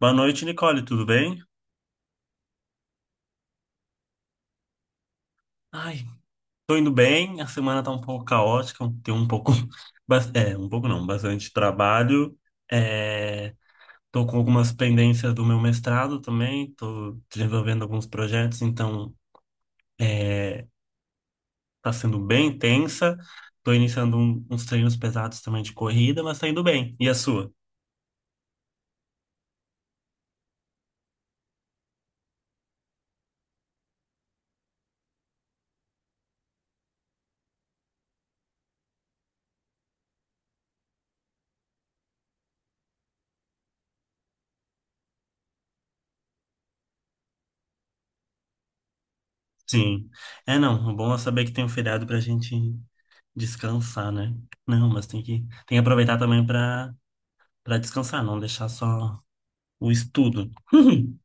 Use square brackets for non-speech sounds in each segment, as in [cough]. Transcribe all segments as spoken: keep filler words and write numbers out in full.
Boa noite, Nicole, tudo bem? Ai, tô indo bem, a semana tá um pouco caótica, tem um pouco, [laughs] bas- é, um pouco não, bastante trabalho, é, tô com algumas pendências do meu mestrado também, tô desenvolvendo alguns projetos, então é, tá sendo bem intensa, tô iniciando um- uns treinos pesados também de corrida, mas tá indo bem, e a sua? Sim, é não, o bom é saber que tem um feriado pra gente descansar, né? Não, mas tem que, tem que aproveitar também pra para descansar, não deixar só o estudo. [laughs]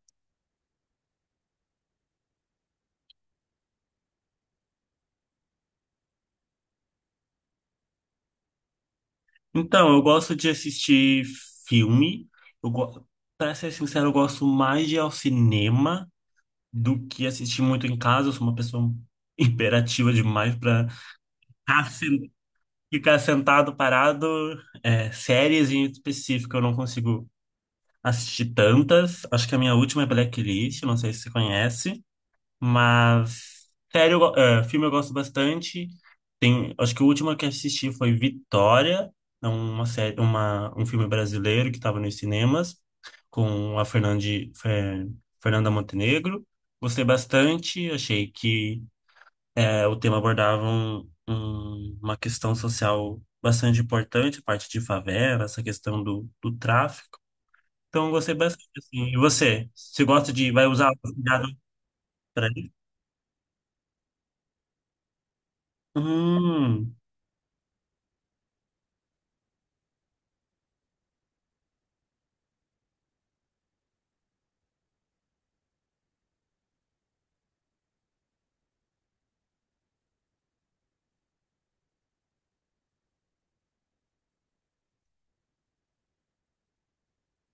Então, eu gosto de assistir filme. Eu go... Para ser sincero, eu gosto mais de ir ao cinema do que assistir muito em casa. Eu sou uma pessoa [laughs] imperativa demais para ficar sentado, parado. É, séries em específico, eu não consigo assistir tantas. Acho que a minha última é Blacklist, não sei se você conhece. Mas sério, eu go- é, filme eu gosto bastante. Tem, acho que o último que assisti foi Vitória, é uma série, uma, um filme brasileiro que estava nos cinemas com a Fernande, Fe- Fernanda Montenegro. Gostei bastante, achei que é, o tema abordava um- um- uma questão social bastante importante, a parte de favela, essa questão do, do tráfico. Então, eu gostei bastante, assim. E você? Você gosta de... Vai usar o cuidado para ele? Hum.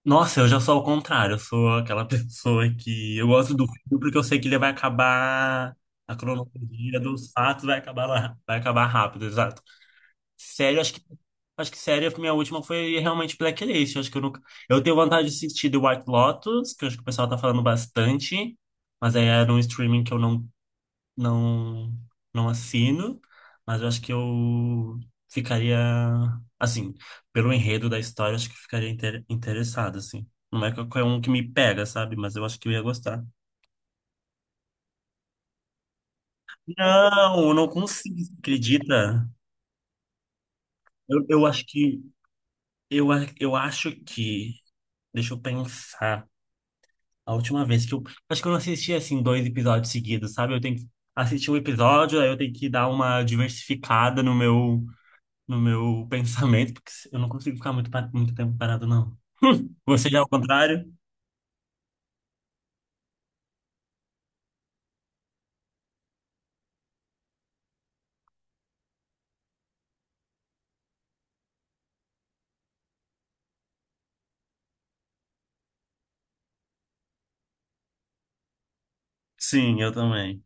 Nossa, eu já sou ao contrário. Eu sou aquela [laughs] pessoa que eu gosto do filme porque eu sei que ele vai acabar. A cronologia dos fatos vai acabar lá, vai acabar rápido, exato. Sério, acho que acho que sério, a minha última foi realmente Blacklist. Acho que eu nunca. Eu tenho vontade de assistir The White Lotus, que eu acho que o pessoal tá falando bastante, mas aí era um streaming que eu não não não assino, mas eu acho que eu ficaria assim, pelo enredo da história, acho que eu ficaria inter- interessado assim. Não é qualquer um que me pega, sabe? Mas eu acho que eu ia gostar. Não, eu não consigo, você acredita? Eu, eu acho que eu, a- eu acho que deixa eu pensar. A última vez que eu acho que eu não assisti assim dois episódios seguidos, sabe? Eu tenho que assistir um episódio, aí eu tenho que dar uma diversificada no meu no meu [laughs] pensamento, porque eu não consigo ficar muito, pa- muito tempo parado, não. Você já é o contrário? Sim, eu também.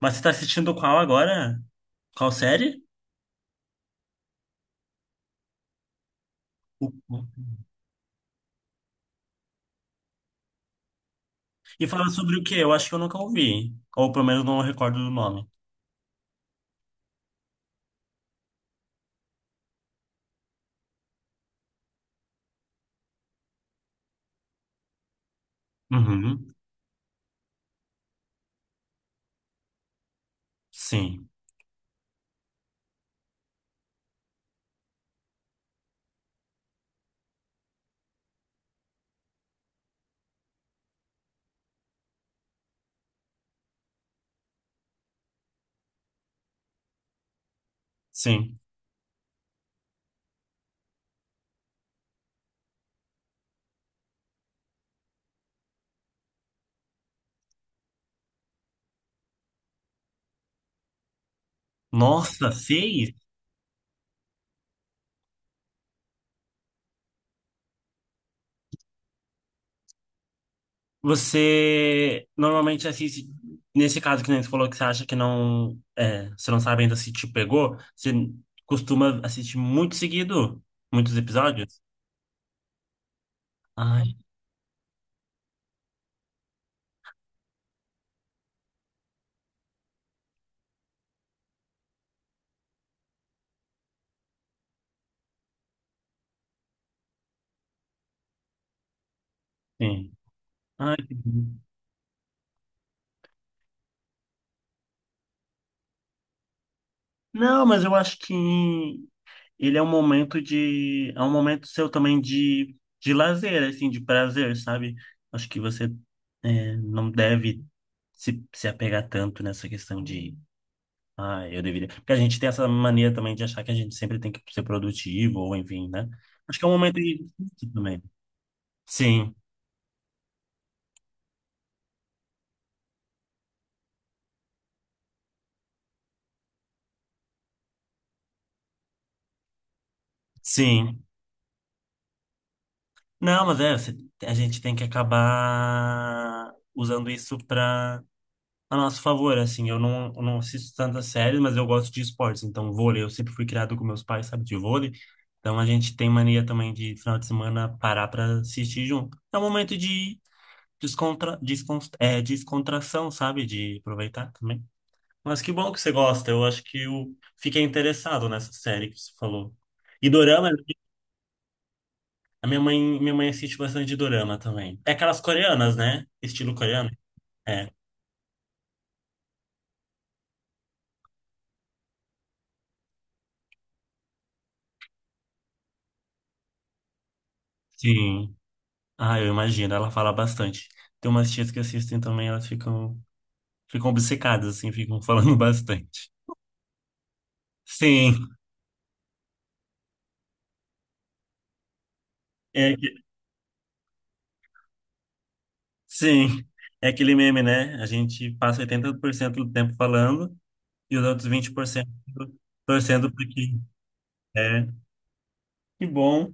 Mas você tá assistindo qual agora? Qual série? O- o- E fala sobre o quê? Eu acho que eu nunca ouvi. Ou pelo menos não recordo do nome. Uhum. Sim, sim. Nossa, seis? Você normalmente assiste. Nesse caso que nem você falou que você acha que não. É, você não sabe ainda se te pegou, você costuma assistir muito seguido, muitos episódios? Ai, sim. Ai, que bom. Não, mas eu acho que ele é um momento de, é um momento seu também de, de lazer, assim, de prazer, sabe? Acho que você é, não deve se, se apegar tanto nessa questão de, ah, eu deveria. Porque a gente tem essa mania também de achar que a gente sempre tem que ser produtivo, ou enfim, né? Acho que é um momento de também. Sim, sim. Não, mas é, a gente tem que acabar usando isso para a nosso favor, assim, eu não, eu não assisto tantas séries, mas eu gosto de esportes, então vôlei, eu sempre fui criado com meus pais, sabe, de vôlei, então a gente tem mania também de, final de semana, parar pra assistir junto. É um momento de descontra, descon, é, descontração, sabe, de aproveitar também. Mas que bom que você gosta, eu acho que eu fiquei interessado nessa série que você falou. E dorama, a minha mãe, minha mãe assiste bastante dorama também. É aquelas coreanas, né? Estilo coreano? É. Sim. Ah, eu imagino, ela fala bastante. Tem umas tias que assistem também, elas ficam, ficam obcecadas, assim, ficam falando [laughs] bastante. Sim, é, que- sim, é aquele meme, né? A gente passa oitenta por cento do tempo falando e os outros vinte por cento torcendo para que... É, que bom.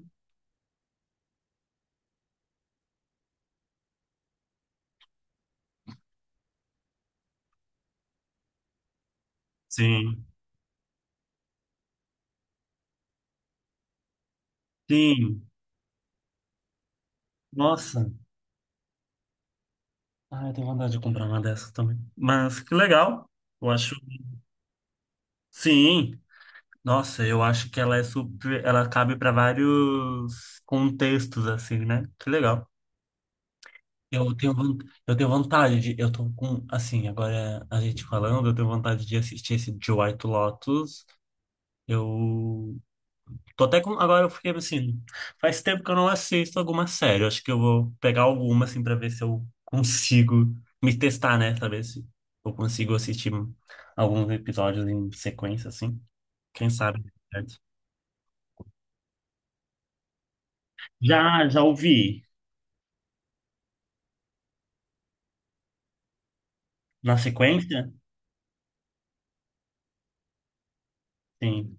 Sim, sim. Nossa, ah, eu tenho vontade de comprar uma dessas também. Mas que legal, eu acho. Sim. Nossa, eu acho que ela é super, ela cabe para vários contextos assim, né? Que legal. Eu tenho, von- eu tenho vontade de, eu tô com, assim, agora a gente falando, eu tenho vontade de assistir esse de White Lotus. Eu tô até com, agora eu fiquei assim, faz tempo que eu não assisto alguma série. Eu acho que eu vou pegar alguma assim para ver se eu consigo me testar, né? Saber se eu consigo assistir alguns episódios em sequência assim. Quem sabe, né? Já, já ouvi. Na sequência? Sim.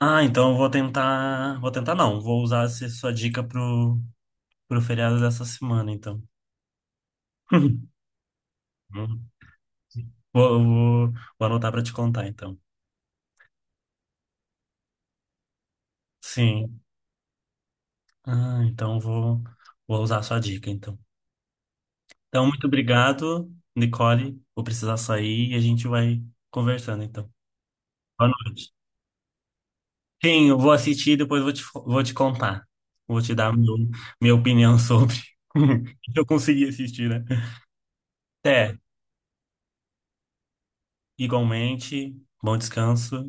Ah, então eu vou tentar. Vou tentar não. Vou usar essa sua dica pro, pro feriado dessa semana, então. [laughs] Hum. Vou, vou, vou anotar para te contar, então. Sim. Ah, então vou, vou usar a sua dica, então. Então, muito obrigado, Nicole. Vou precisar sair e a gente vai conversando, então. Boa noite. Sim, eu vou assistir e depois vou te, fo- vou te contar. Vou te dar meu, minha opinião sobre. [laughs] Se eu conseguir assistir, né? Até. Igualmente, bom descanso.